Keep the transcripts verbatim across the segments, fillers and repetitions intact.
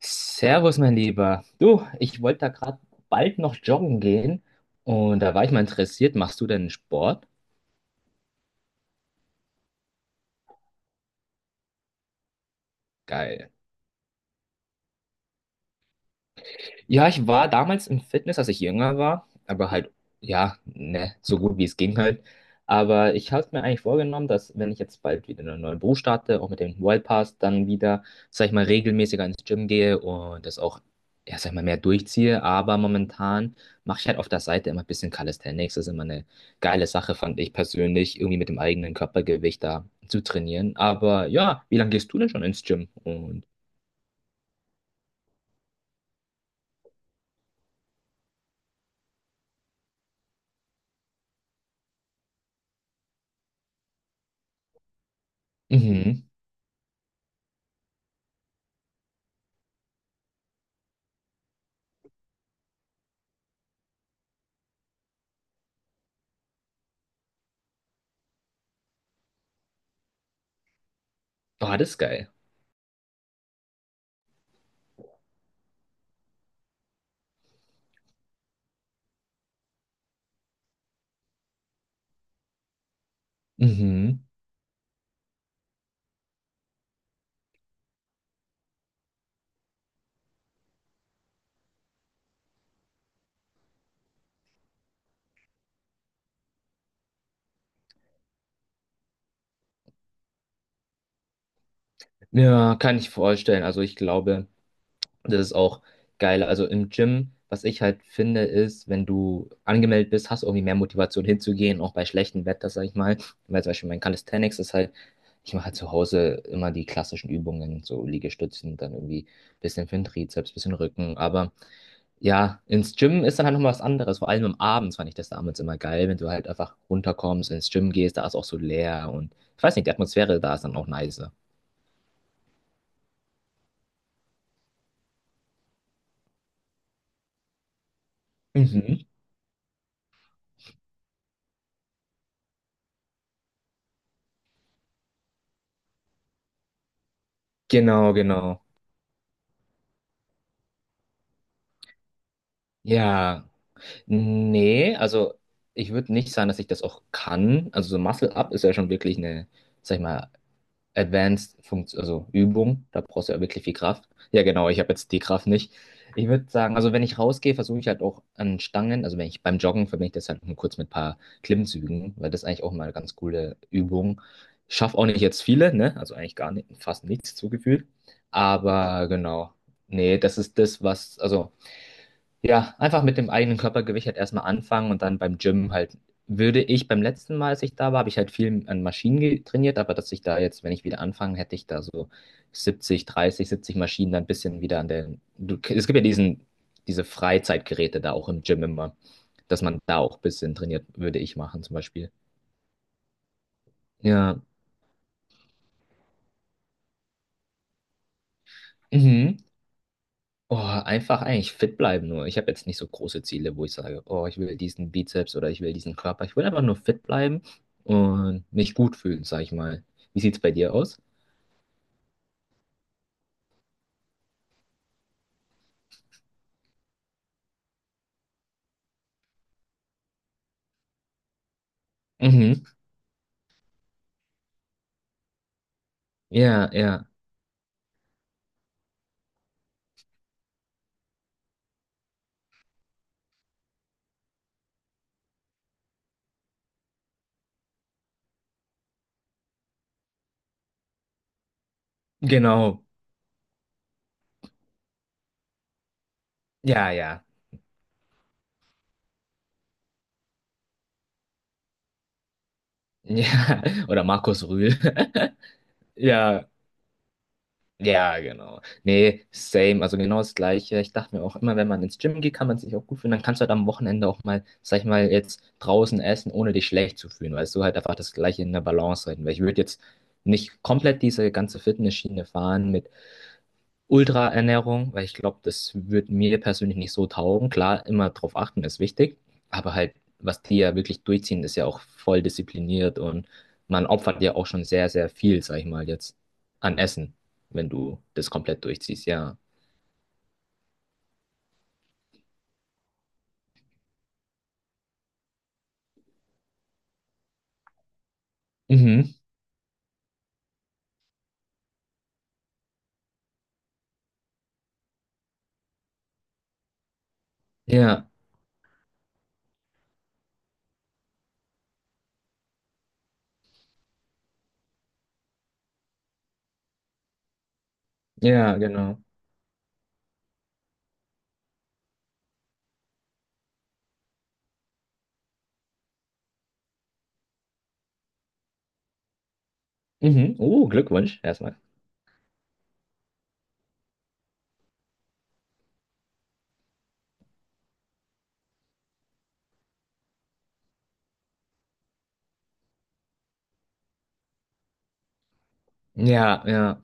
Servus, mein Lieber. Du, ich wollte da gerade bald noch joggen gehen und da war ich mal interessiert. Machst du denn Sport? Geil. Ja, ich war damals im Fitness, als ich jünger war, aber halt, ja, ne, so gut wie es ging halt. Aber ich habe mir eigentlich vorgenommen, dass wenn ich jetzt bald wieder einen neuen Beruf starte, auch mit dem Wild Pass, dann wieder, sag ich mal, regelmäßiger ins Gym gehe und das auch, ja, sag ich mal, mehr durchziehe. Aber momentan mache ich halt auf der Seite immer ein bisschen Calisthenics. Das ist immer eine geile Sache, fand ich persönlich, irgendwie mit dem eigenen Körpergewicht da zu trainieren. Aber ja, wie lange gehst du denn schon ins Gym? Und, mhm, oh, das ist geil. Mhm. Ja, kann ich vorstellen. Also ich glaube, das ist auch geil. Also im Gym, was ich halt finde, ist, wenn du angemeldet bist, hast du irgendwie mehr Motivation hinzugehen, auch bei schlechtem Wetter, sag ich mal. Weil zum Beispiel mein Calisthenics ist halt, ich mache halt zu Hause immer die klassischen Übungen, so Liegestützen, dann irgendwie ein bisschen für den Trizeps, bisschen Rücken. Aber ja, ins Gym ist dann halt nochmal was anderes. Vor allem am Abend fand ich das damals immer geil, wenn du halt einfach runterkommst, ins Gym gehst, da ist auch so leer und ich weiß nicht, die Atmosphäre da ist dann auch nicer. Mhm. Genau, genau. Ja, nee, also ich würde nicht sagen, dass ich das auch kann. Also so Muscle Up ist ja schon wirklich eine, sag ich mal, Advanced Funktion, also Übung. Da brauchst du ja wirklich viel Kraft. Ja, genau, ich habe jetzt die Kraft nicht. Ich würde sagen, also wenn ich rausgehe, versuche ich halt auch an Stangen, also wenn ich beim Joggen verbinde ich das halt nur kurz mit ein paar Klimmzügen, weil das ist eigentlich auch mal eine ganz coole Übung. Schaff auch nicht jetzt viele, ne? Also eigentlich gar nicht, fast nichts zugefügt. Aber genau. Nee, das ist das, was, also. Ja, einfach mit dem eigenen Körpergewicht halt erstmal anfangen und dann beim Gym halt, würde ich beim letzten Mal, als ich da war, habe ich halt viel an Maschinen ge- trainiert, aber dass ich da jetzt, wenn ich wieder anfange, hätte ich da so siebzig, dreißig, siebzig Maschinen dann ein bisschen wieder an der. Du, es gibt ja diesen, diese Freizeitgeräte da auch im Gym immer, dass man da auch ein bisschen trainiert, würde ich machen zum Beispiel. Ja. Mhm. Oh, einfach eigentlich fit bleiben nur. Ich habe jetzt nicht so große Ziele, wo ich sage, oh, ich will diesen Bizeps oder ich will diesen Körper. Ich will einfach nur fit bleiben und mich gut fühlen, sag ich mal. Wie sieht's bei dir aus? Mhm. Ja, ja. Genau. Ja, ja. Ja. Oder Markus Rühl. Ja, ja, genau. Nee, same, also genau das Gleiche. Ich dachte mir auch immer, wenn man ins Gym geht, kann man sich auch gut fühlen. Dann kannst du halt am Wochenende auch mal, sag ich mal, jetzt draußen essen, ohne dich schlecht zu fühlen, weil du halt einfach das Gleiche in der Balance halten. Weil ich würde jetzt nicht komplett diese ganze Fitnessschiene fahren mit Ultraernährung, weil ich glaube, das wird mir persönlich nicht so taugen. Klar, immer drauf achten ist wichtig, aber halt, was die ja wirklich durchziehen, ist ja auch voll diszipliniert und man opfert ja auch schon sehr, sehr viel, sag ich mal jetzt, an Essen, wenn du das komplett durchziehst, ja. Mhm. Ja, ja, genau. Mhm. Oh, Glückwunsch erstmal. Ja, ja,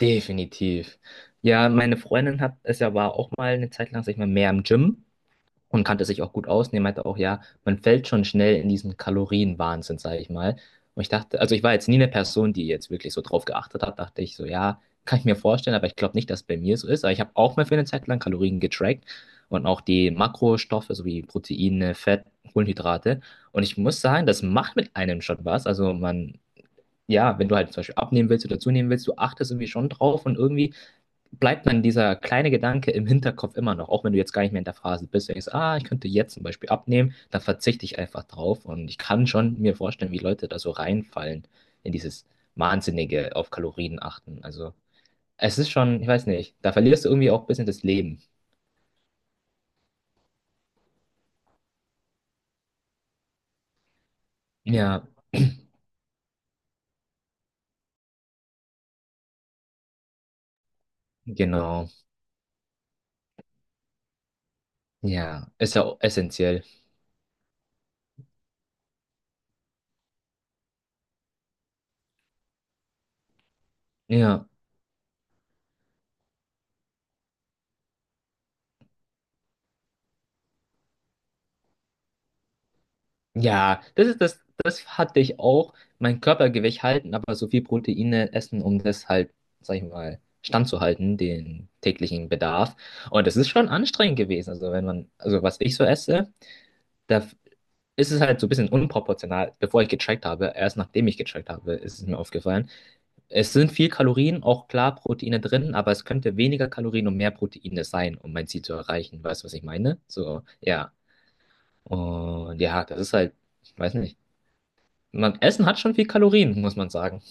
definitiv. Ja, meine Freundin hat es ja war auch mal eine Zeit lang, sag ich mal, mehr im Gym. Und kannte sich auch gut aus. Und er meinte auch, ja, man fällt schon schnell in diesen Kalorienwahnsinn, sage ich mal. Und ich dachte, also ich war jetzt nie eine Person, die jetzt wirklich so drauf geachtet hat, dachte ich so, ja, kann ich mir vorstellen, aber ich glaube nicht, dass es bei mir so ist. Aber ich habe auch mal für eine Zeit lang Kalorien getrackt und auch die Makrostoffe sowie Proteine, Fett, Kohlenhydrate. Und ich muss sagen, das macht mit einem schon was. Also man, ja, wenn du halt zum Beispiel abnehmen willst oder zunehmen willst, du achtest irgendwie schon drauf und irgendwie bleibt dann dieser kleine Gedanke im Hinterkopf immer noch, auch wenn du jetzt gar nicht mehr in der Phase bist. Wenn du denkst, ah, ich könnte jetzt zum Beispiel abnehmen, dann verzichte ich einfach drauf. Und ich kann schon mir vorstellen, wie Leute da so reinfallen in dieses wahnsinnige auf Kalorien achten. Also es ist schon, ich weiß nicht, da verlierst du irgendwie auch ein bisschen das Leben. Ja, genau. Ja, ist ja auch essentiell. Ja. Ja, das ist das, das hatte ich auch. Mein Körpergewicht halten, aber so viel Proteine essen, um das halt, sag ich mal, standzuhalten, den täglichen Bedarf. Und das ist schon anstrengend gewesen. Also wenn man, also was ich so esse, da ist es halt so ein bisschen unproportional, bevor ich gecheckt habe, erst nachdem ich gecheckt habe, ist es mir aufgefallen. Es sind viel Kalorien, auch klar Proteine drin, aber es könnte weniger Kalorien und mehr Proteine sein, um mein Ziel zu erreichen. Weißt du, was ich meine? So, ja. Und ja, das ist halt, ich weiß nicht. Man, Essen hat schon viel Kalorien, muss man sagen.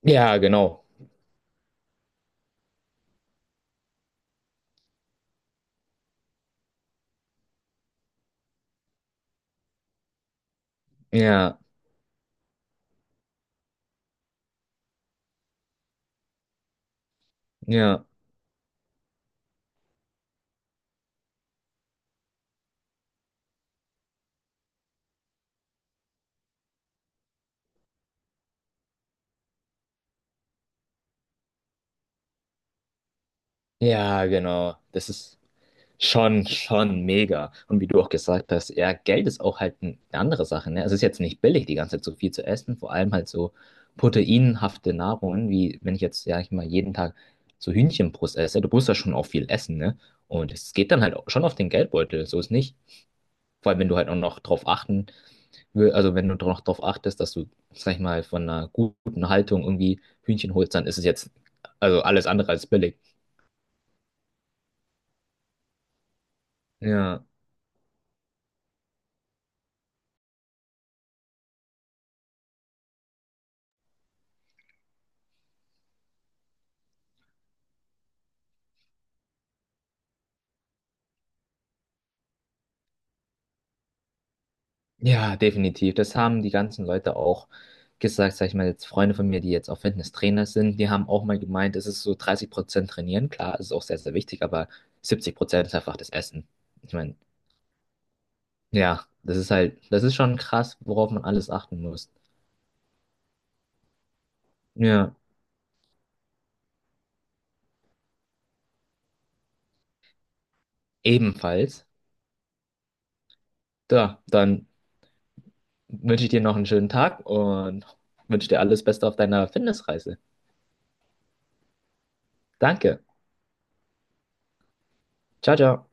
Ja, genau. Ja, ja, ja, genau. Das ist schon, schon mega. Und wie du auch gesagt hast, ja, Geld ist auch halt eine andere Sache, ne? Es ist jetzt nicht billig, die ganze Zeit so viel zu essen, vor allem halt so proteinhafte Nahrungen, wie wenn ich jetzt, ja, ich mal jeden Tag so Hühnchenbrust esse, du musst ja schon auch viel essen, ne? Und es geht dann halt auch schon auf den Geldbeutel, so ist nicht. Vor allem, wenn du halt auch noch drauf achten will, also wenn du dra- noch drauf achtest, dass du, sag ich mal, von einer guten Haltung irgendwie Hühnchen holst, dann ist es jetzt also alles andere als billig. Ja, ja, definitiv. Das haben die ganzen Leute auch gesagt, sag ich mal, jetzt Freunde von mir, die jetzt auch Fitnesstrainer sind, die haben auch mal gemeint, es ist so dreißig Prozent trainieren, klar, es ist auch sehr, sehr wichtig, aber siebzig Prozent ist einfach das Essen. Ich meine, ja, das ist halt, das ist schon krass, worauf man alles achten muss. Ja, ebenfalls. Da, dann wünsche ich dir noch einen schönen Tag und wünsche dir alles Beste auf deiner Fitnessreise. Danke. Ciao, ciao.